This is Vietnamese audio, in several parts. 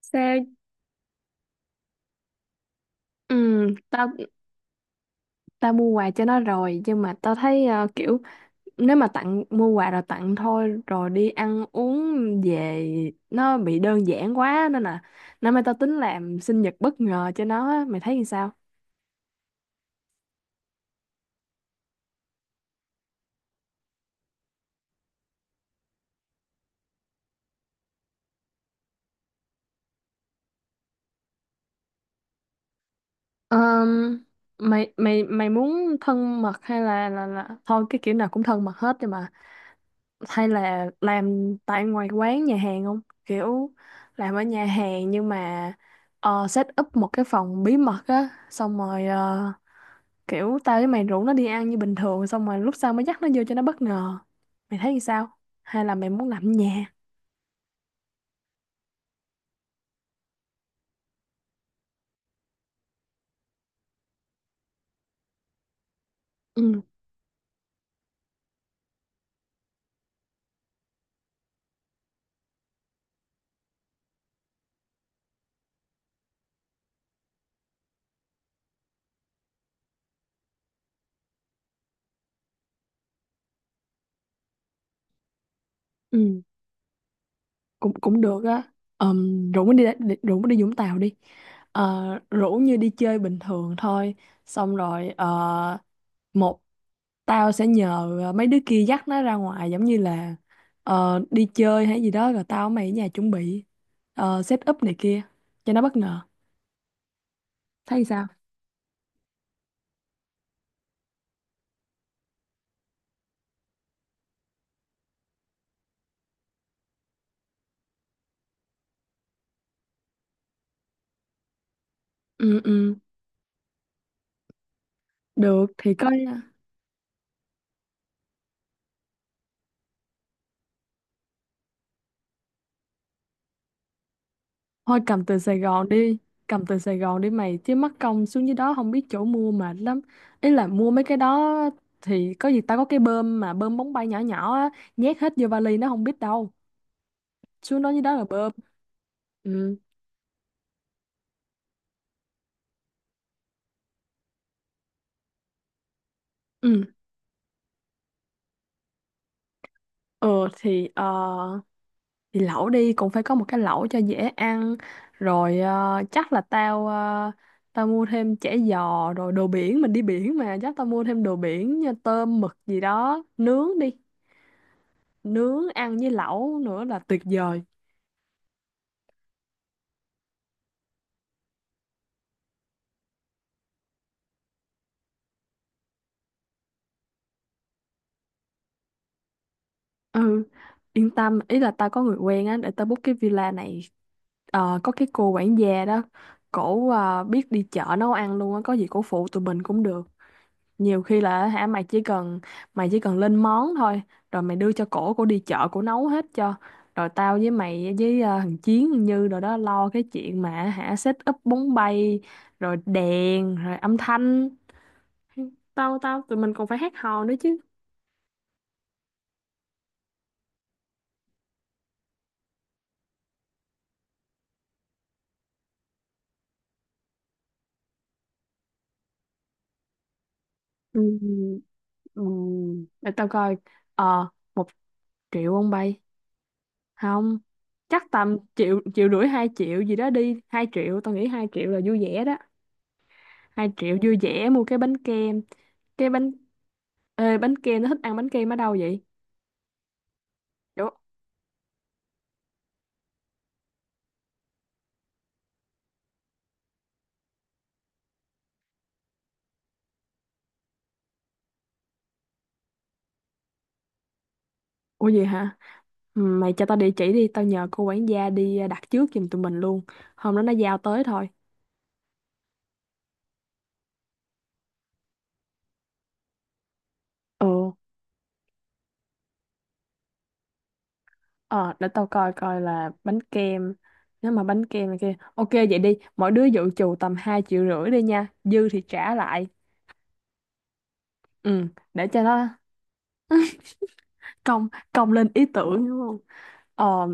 Sao? Ừ, tao tao mua quà cho nó rồi nhưng mà tao thấy kiểu nếu mà tặng mua quà rồi tặng thôi rồi đi ăn uống về nó bị đơn giản quá, nên là năm nay tao tính làm sinh nhật bất ngờ cho nó á. Mày thấy như sao? Ờm, mày mày mày muốn thân mật hay là thôi, cái kiểu nào cũng thân mật hết, nhưng mà hay là làm tại ngoài quán nhà hàng không, kiểu làm ở nhà hàng nhưng mà set up một cái phòng bí mật á, xong rồi kiểu tao với mày rủ nó đi ăn như bình thường, xong rồi lúc sau mới dắt nó vô cho nó bất ngờ. Mày thấy thì sao, hay là mày muốn làm ở nhà? Ừ, ừ, cũng cũng được á. Rủ nó đi đi- rủ nó đi Vũng Tàu đi. Ờ, rủ như đi chơi bình thường thôi, xong rồi ờ, một tao sẽ nhờ mấy đứa kia dắt nó ra ngoài giống như là đi chơi hay gì đó, rồi tao với mày ở nhà chuẩn bị, set up này kia cho nó bất ngờ. Thấy sao? Ừ, ừ, được thì coi. Thôi cầm từ Sài Gòn đi. Cầm từ Sài Gòn đi mày, chứ mắc công xuống dưới đó không biết chỗ mua, mệt lắm. Ý là mua mấy cái đó thì có gì tao có cái bơm mà bơm bóng bay nhỏ nhỏ á, nhét hết vô vali nó không biết đâu, xuống đó dưới đó là bơm. Ừ, ừ, ừ. Thì ờ thì lẩu đi, cũng phải có một cái lẩu cho dễ ăn. Rồi chắc là tao mua thêm chả giò rồi đồ biển, mình đi biển mà, chắc tao mua thêm đồ biển như tôm mực gì đó, nướng đi, nướng ăn với lẩu nữa là tuyệt vời. Ừ, yên tâm, ý là tao có người quen á, để tao book cái villa này. Có cái cô quản gia đó, cổ biết đi chợ nấu ăn luôn á, có gì cổ phụ tụi mình cũng được, nhiều khi là hả. Mày chỉ cần lên món thôi, rồi mày đưa cho cổ, cổ đi chợ, cổ nấu hết cho. Rồi tao với mày với thằng Chiến, thằng Như rồi đó lo cái chuyện mà hả set up bóng bay rồi đèn rồi âm thanh. Tao tao Tụi mình còn phải hát hò nữa chứ. Ừ, ừ, để tao coi. ờ Một triệu ông bay không? Chắc tầm triệu, triệu rưỡi, hai triệu gì đó đi. Hai triệu tao nghĩ hai triệu là vui vẻ đó. Hai triệu vui vẻ mua cái bánh kem, cái bánh. Ê, bánh kem nó thích ăn bánh kem ở đâu vậy? Ủa. Ủa, gì hả? Ừ, mày cho tao địa chỉ đi, tao nhờ cô quản gia đi à, đặt trước giùm tụi mình luôn, hôm đó nó giao tới thôi. Ừ, ờ để tao coi coi là bánh kem, nếu mà bánh kem này kia ok vậy đi, mỗi đứa dự trù tầm hai triệu rưỡi đi nha, dư thì trả lại. Ừ, để cho nó công công lên ý tưởng đúng không? ờ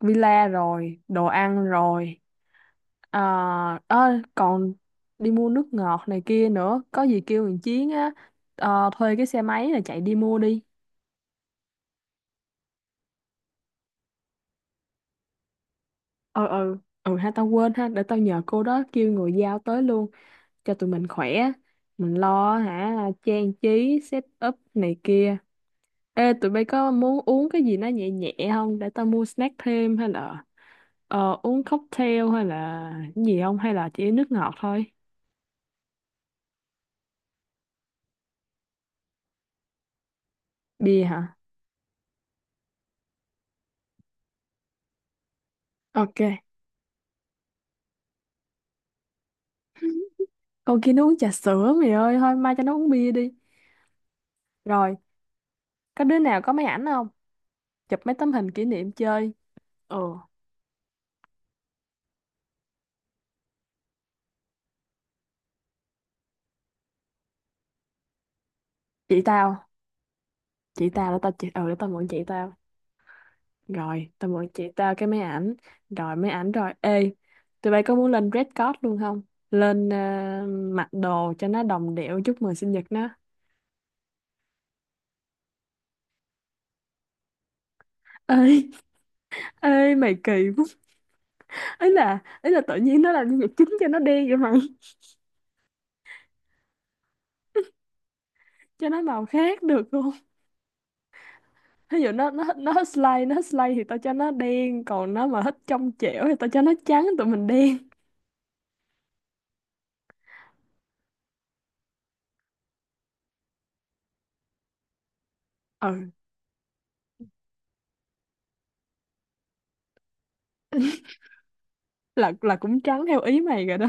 villa rồi đồ ăn rồi. À, ơ, còn đi mua nước ngọt này kia nữa, có gì kêu thằng Chiến á, thuê cái xe máy là chạy đi mua đi. Ừ, ừ, ừ ha, tao quên ha, để tao nhờ cô đó kêu người giao tới luôn cho tụi mình khỏe, mình lo hả trang trí set up này kia. Ê, tụi bay có muốn uống cái gì nó nhẹ nhẹ không? Để tao mua snack thêm, hay là uống cocktail hay là cái gì không, hay là chỉ nước ngọt thôi? Bia hả? Ok. Con kia nó uống trà sữa mày ơi, thôi mai cho nó uống bia đi. Rồi, có đứa nào có máy ảnh không? Chụp mấy tấm hình kỷ niệm chơi. Ừ, chị tao, chị tao, để tao chị, ừ, để tao mượn chị tao. Rồi, tao mượn chị tao cái máy ảnh. Rồi máy ảnh rồi. Ê, tụi bay có muốn lên Red Card luôn không? Lên mặc đồ cho nó đồng điệu chúc mừng sinh nhật nó. Ê, ê mày kỳ quá. Ấy là, ấy là tự nhiên nó làm nhân vật chính cho nó đen vậy mày. Cho nó màu khác được không? Ví dụ nó hết slide, nó hết slide thì tao cho nó đen, còn nó mà hết trong trẻo thì tao cho nó trắng, tụi mình đen. Ừ, là cũng trắng theo ý mày rồi đó,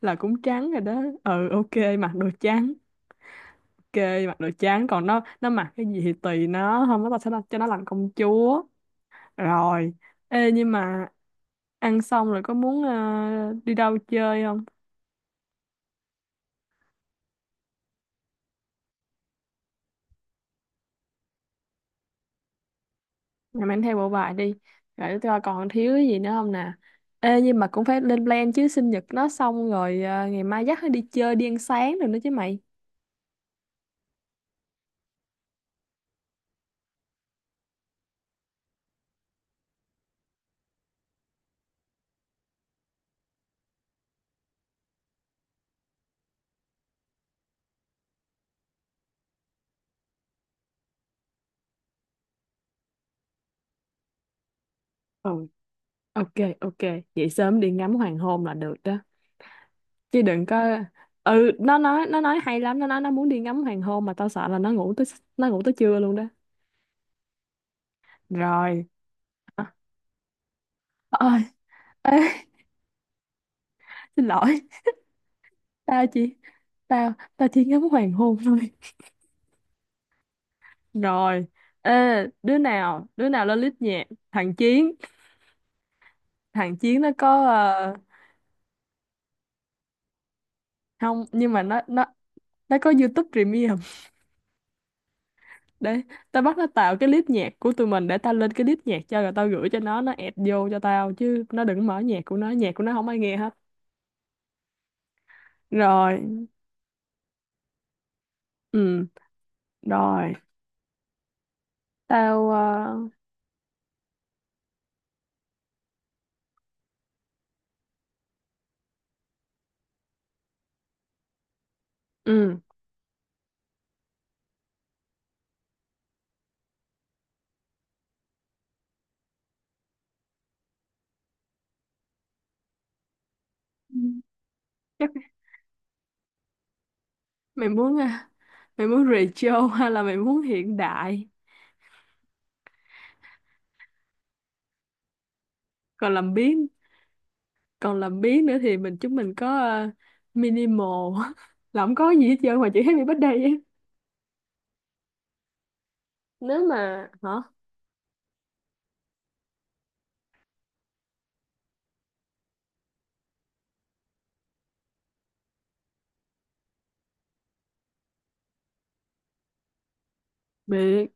là cũng trắng rồi đó. Ừ, ok, mặc đồ trắng. Ok, mặc đồ trắng, còn nó mặc cái gì thì tùy nó, không có tao sẽ đặt- cho nó làm công chúa. Rồi. Ê nhưng mà ăn xong rồi có muốn đi đâu chơi không? Rồi mang theo bộ bài đi. Rồi coi còn thiếu cái gì nữa không nè. Ê nhưng mà cũng phải lên plan chứ, sinh nhật nó xong rồi ngày mai dắt nó đi chơi đi ăn sáng rồi nữa chứ mày. Ừ, ok, ok, vậy sớm đi ngắm hoàng hôn là được đó. Chứ đừng có. Ừ, nó nói, nó nói hay lắm, nó nói nó muốn đi ngắm hoàng hôn mà tao sợ là nó ngủ tới, nó ngủ tới trưa luôn đó. Rồi. À, ơi, ê, xin lỗi, tao chỉ, tao tao chỉ ngắm hoàng hôn thôi. Rồi, ê, đứa nào lên list nhạc? Thằng Chiến, thằng Chiến nó có không, nhưng mà nó có YouTube Premium. Đấy, tao bắt nó tạo cái list nhạc của tụi mình, để tao lên cái list nhạc cho, rồi tao gửi cho nó add vô cho tao, chứ nó đừng mở nhạc của nó không ai nghe hết. Rồi, ừ, rồi, tao ừ, chắc mày muốn à, mày muốn retro hay là mày muốn hiện đại? Còn làm biếng, còn làm biếng nữa thì chúng mình có minimal là không có gì hết trơn ngoài chữ happy birthday ấy. Nếu mà hả biết.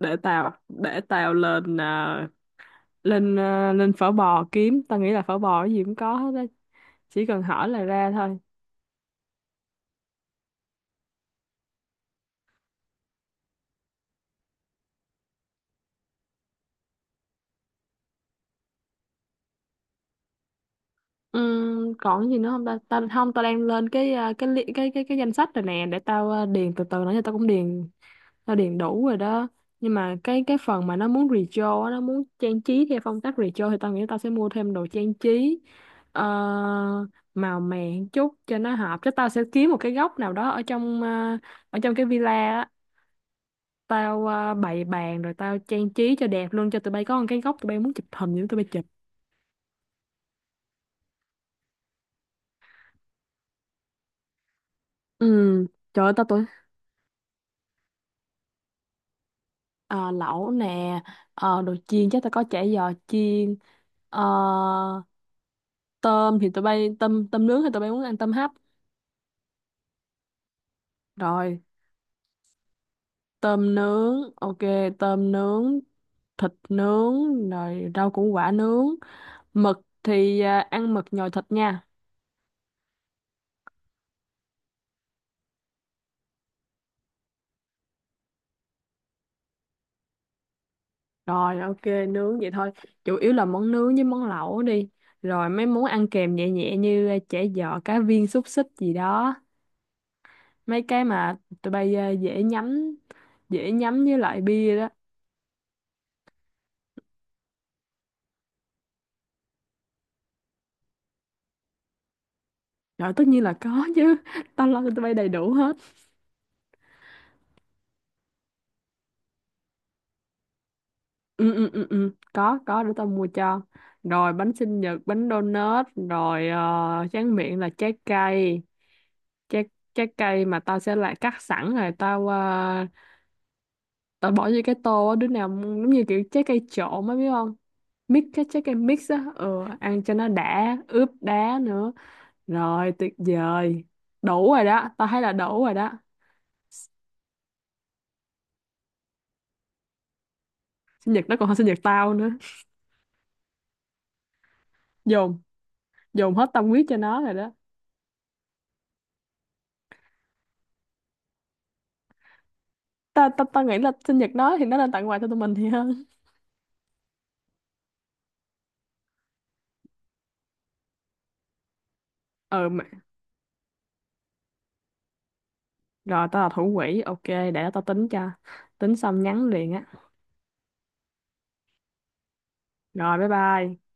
Để tao, để tao lên à, lên à, lên phở bò kiếm, tao nghĩ là phở bò cái gì cũng có hết á, chỉ cần hỏi là ra thôi. Còn gì nữa không ta? Ta không, tao đang lên cái cái li- cái cái danh sách rồi nè, để tao điền từ từ nữa, cho tao cũng điền, nó điền đủ rồi đó. Nhưng mà cái phần mà nó muốn retro á, nó muốn trang trí theo phong cách retro thì tao nghĩ tao sẽ mua thêm đồ trang trí ờ, màu mè một chút cho nó hợp, chứ tao sẽ kiếm một cái góc nào đó ở trong ở trong cái villa á, tao bày bàn rồi tao trang trí cho đẹp luôn, cho tụi bay có một cái góc, tụi bay muốn chụp hình gì đó tụi bay chụp. Ừ, trời ơi tao tưởng. Ờ, lẩu nè, đồ chiên chắc tao có chả giò chiên, ờ, tôm thì tụi bay, tôm tôm nướng thì tụi bay muốn ăn tôm hấp? Rồi, tôm nướng, ok, tôm nướng, thịt nướng, rồi rau củ quả nướng. Mực thì à, ăn mực nhồi thịt nha. Rồi, ok, nướng vậy thôi. Chủ yếu là món nướng với món lẩu đi. Rồi mấy món ăn kèm nhẹ nhẹ như à, chả giò, cá viên, xúc xích gì đó. Mấy cái mà tụi bay à, dễ nhắm với lại bia đó. Rồi tất nhiên là có chứ. Tao lo cho tụi bay đầy đủ hết. Ừ, ừ, ừ, ừ, có, để tao mua cho. Rồi bánh sinh nhật, bánh donut, rồi tráng miệng là trái cây. Trái Trái cây mà tao sẽ lại cắt sẵn, rồi tao bỏ vô cái tô á, đứa nào muốn- giống như kiểu trái cây trộn á biết không, mix cái trái cây mix á. Ừ, ăn cho nó đã, ướp đá nữa. Rồi tuyệt vời, đủ rồi đó, tao thấy là đủ rồi đó. Sinh nhật nó còn hơn sinh nhật tao nữa. Dồn Dồn hết tâm huyết cho nó rồi đó. Ta ta ta nghĩ là sinh nhật nó thì nó nên tặng quà cho tụi mình thì hơn. Ừ mà. Rồi tao là thủ quỹ, ok để tao tính cho, tính xong nhắn liền á. Rồi bye bye.